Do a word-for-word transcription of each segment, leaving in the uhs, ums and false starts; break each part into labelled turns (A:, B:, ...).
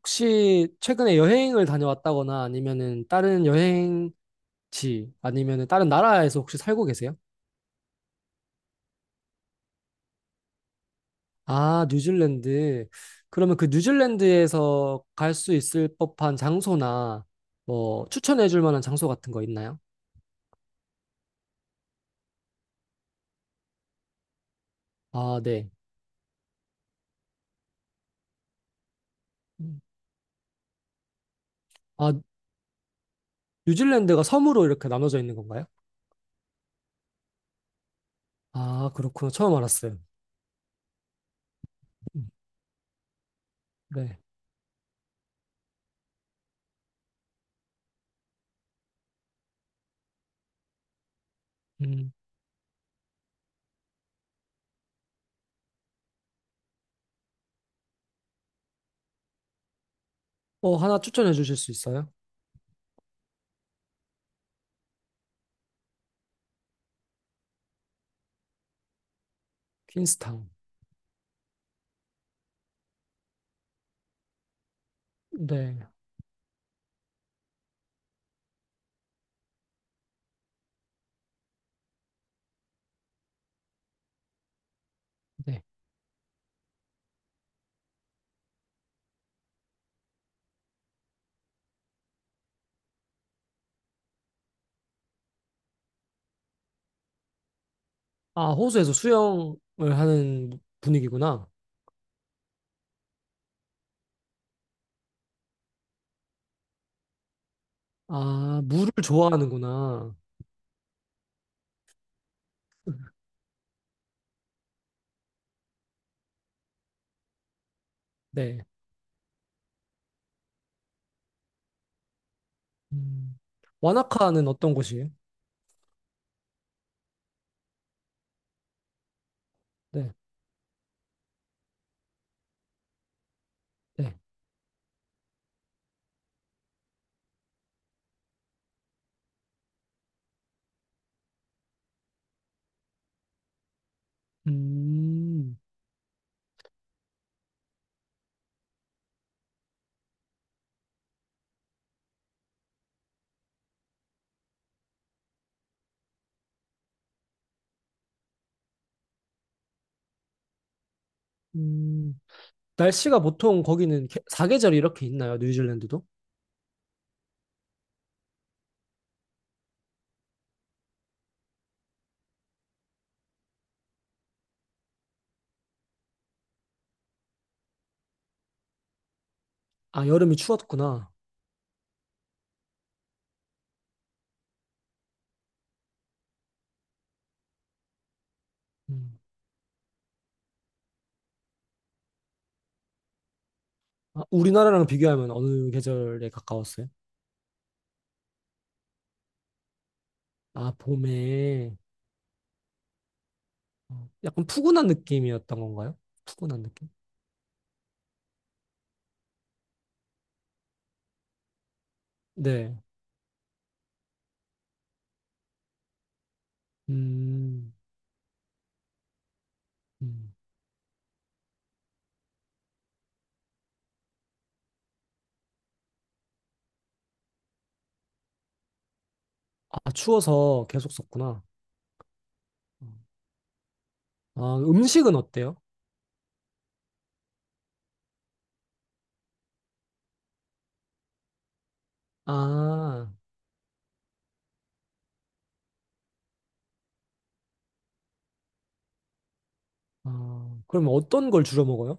A: 혹시 최근에 여행을 다녀왔다거나 아니면은 다른 여행지 아니면은 다른 나라에서 혹시 살고 계세요? 아, 뉴질랜드. 그러면 그 뉴질랜드에서 갈 수 있을 법한 장소나 뭐 추천해 줄 만한 장소 같은 거 있나요? 아, 네. 음. 아, 뉴질랜드가 섬으로 이렇게 나눠져 있는 건가요? 아, 그렇구나. 처음 알았어요. 음, 네. 음. 어, 하나 추천해 주실 수 있어요? 퀸스타운. 네. 네. 아, 호수에서 수영을 하는 분위기구나. 아, 물을 좋아하는구나. 네. 음. 와나카는 어떤 곳이에요? 네. 네. 음. 음. 날씨가 보통 거기는 개- 사계절이 이렇게 있나요? 뉴질랜드도? 아, 여름이 추웠구나. 음. 아, 우리나라랑 비교하면 어느 계절에 가까웠어요? 아, 봄에. 어, 약간 푸근한 느낌이었던 건가요? 푸근한 느낌? 네. 음. 음. 아, 추워서 계속 썼구나. 아, 음식은 어때요? 아. 아, 그럼 어떤 걸 주로 먹어요?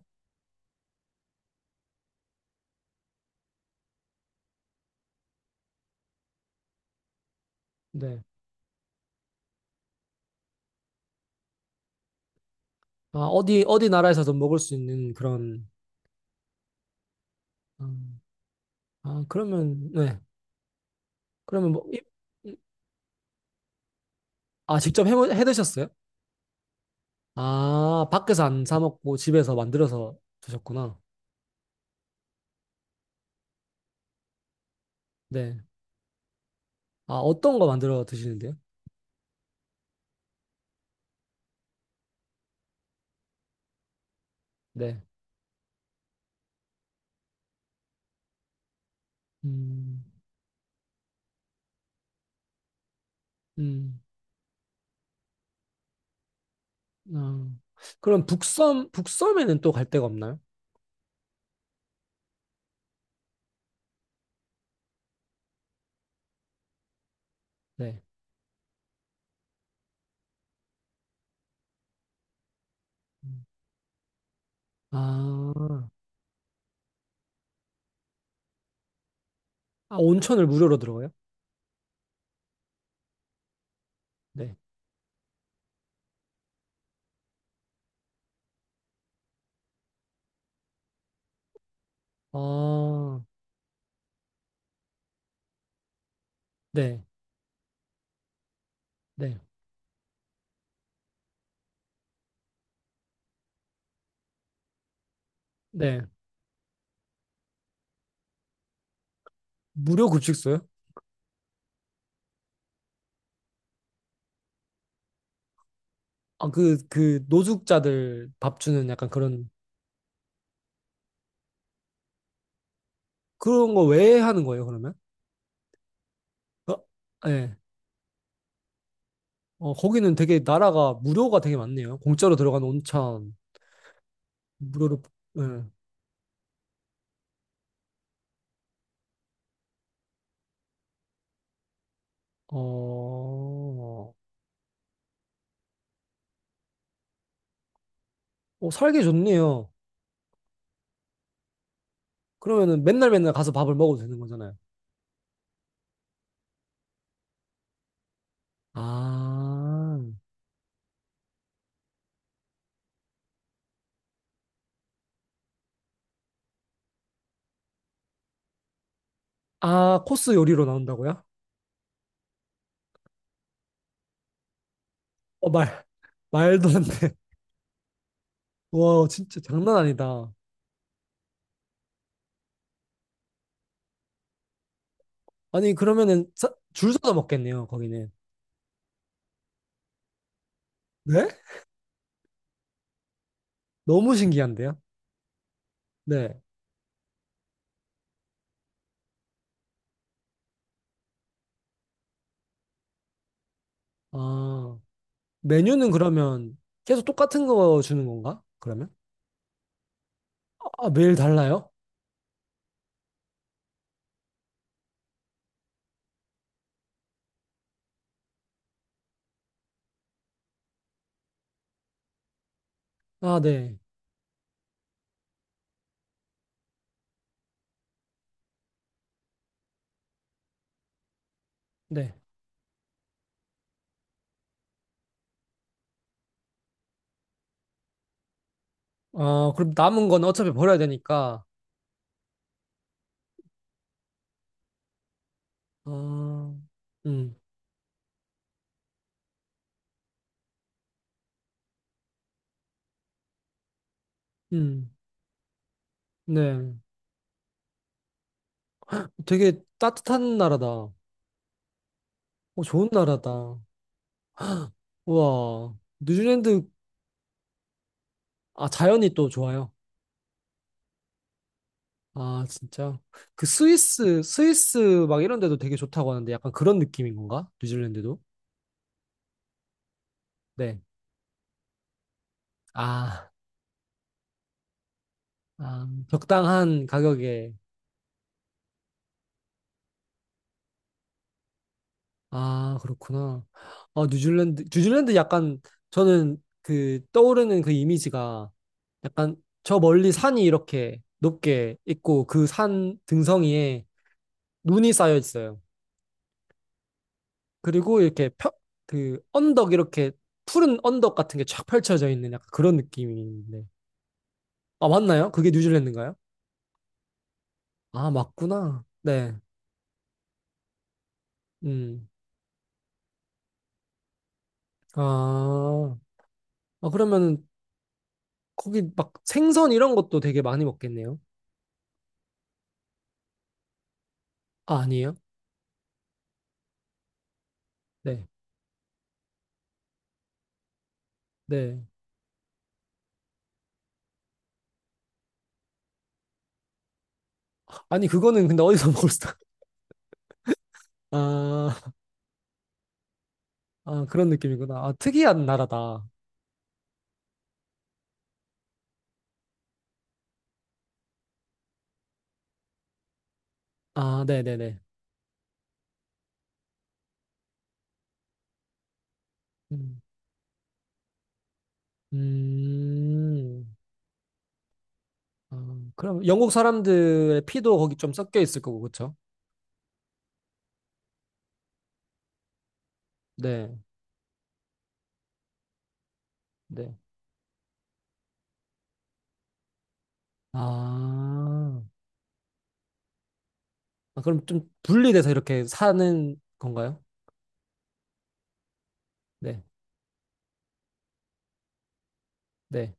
A: 네. 아, 어디, 어디 나라에서도 먹을 수 있는 그런, 음, 아, 그러면, 네. 그러면 뭐, 이- 이- 아, 직접 해, 해 드셨어요? 아, 밖에서 안 사 먹고 집에서 만들어서 드셨구나. 네. 아, 어떤 거 만들어 드시는데요? 네. 음, 음, 아. 그럼 북섬, 북섬에는 또 갈 데가 없나요? 네. 음. 아, 아, 온천을 무료로 들어가요? 네. 아, 네. 네. 네. 무료 급식소요? 아, 그, 그, 노숙자들 밥 주는 약간 그런, 그런 거 왜 하는 거예요, 그러면? 어, 예. 어, 거기는 되게 나라가 무료가 되게 많네요. 공짜로 들어가는 온천, 무료로, 예. 어, 어, 살기 좋네요. 그러면은 맨날 맨날 가서 밥을 먹어도 되는 거잖아요. 아, 아, 코스 요리로 나온다고요? 어, 말, 말도 안 돼. 와, 진짜 장난 아니다. 아니, 그러면은 사- 줄 서서 먹겠네요, 거기는. 네? 너무 신기한데요? 네. 아, 메뉴는 그러면 계속 똑같은 거 주는 건가? 그러면? 아, 매일 달라요? 아, 네. 네. 아, 그럼 남은 건 어차피 버려야 되니까. 아, 음, 음, 네. 되게 따뜻한 나라다. 어, 좋은 나라다. 우와. 뉴질랜드, 아, 자연이 또 좋아요. 아, 진짜. 그 스위스, 스위스 막 이런 데도 되게 좋다고 하는데 약간 그런 느낌인 건가? 뉴질랜드도? 네. 아. 아, 적당한 가격에. 아, 그렇구나. 아, 뉴질랜드, 뉴질랜드 약간 저는 그 떠오르는 그 이미지가 약간 저 멀리 산이 이렇게 높게 있고 그 산 등성이에 눈이 쌓여 있어요. 그리고 이렇게 펴, 그 언덕 이렇게 푸른 언덕 같은 게 쫙 펼쳐져 있는 약간 그런 느낌인데. 아, 맞나요? 그게 뉴질랜드인가요? 아, 맞구나. 네. 음. 아, 아 그러면 은 거기 막 생선 이런 것도 되게 많이 먹겠네요. 아, 아니에요? 네. 네. 아니, 그거는 근데 어디서 먹을 수, 아, 아, 그런 느낌이구나. 아, 특이한 나라다. 아, 네네네. 음, 음, 아, 그럼 영국 사람들의 피도 거기 좀 섞여 있을 거고, 그쵸? 네, 네. 아, 아, 그럼 좀 분리돼서 이렇게 사는 건가요? 네, 네.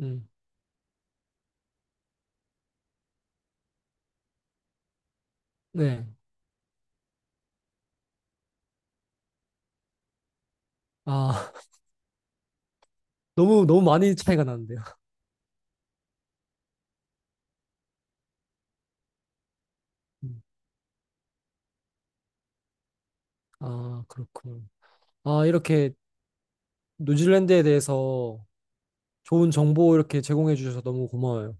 A: 음, 네. 아, 너무, 너무 많이 차이가 나는데요. 음, 아, 그렇군. 아, 이렇게 뉴질랜드에 대해서 좋은 정보 이렇게 제공해 주셔서 너무 고마워요.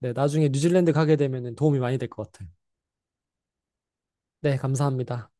A: 네, 나중에 뉴질랜드 가게 되면 도움이 많이 될 것 같아요. 네, 감사합니다.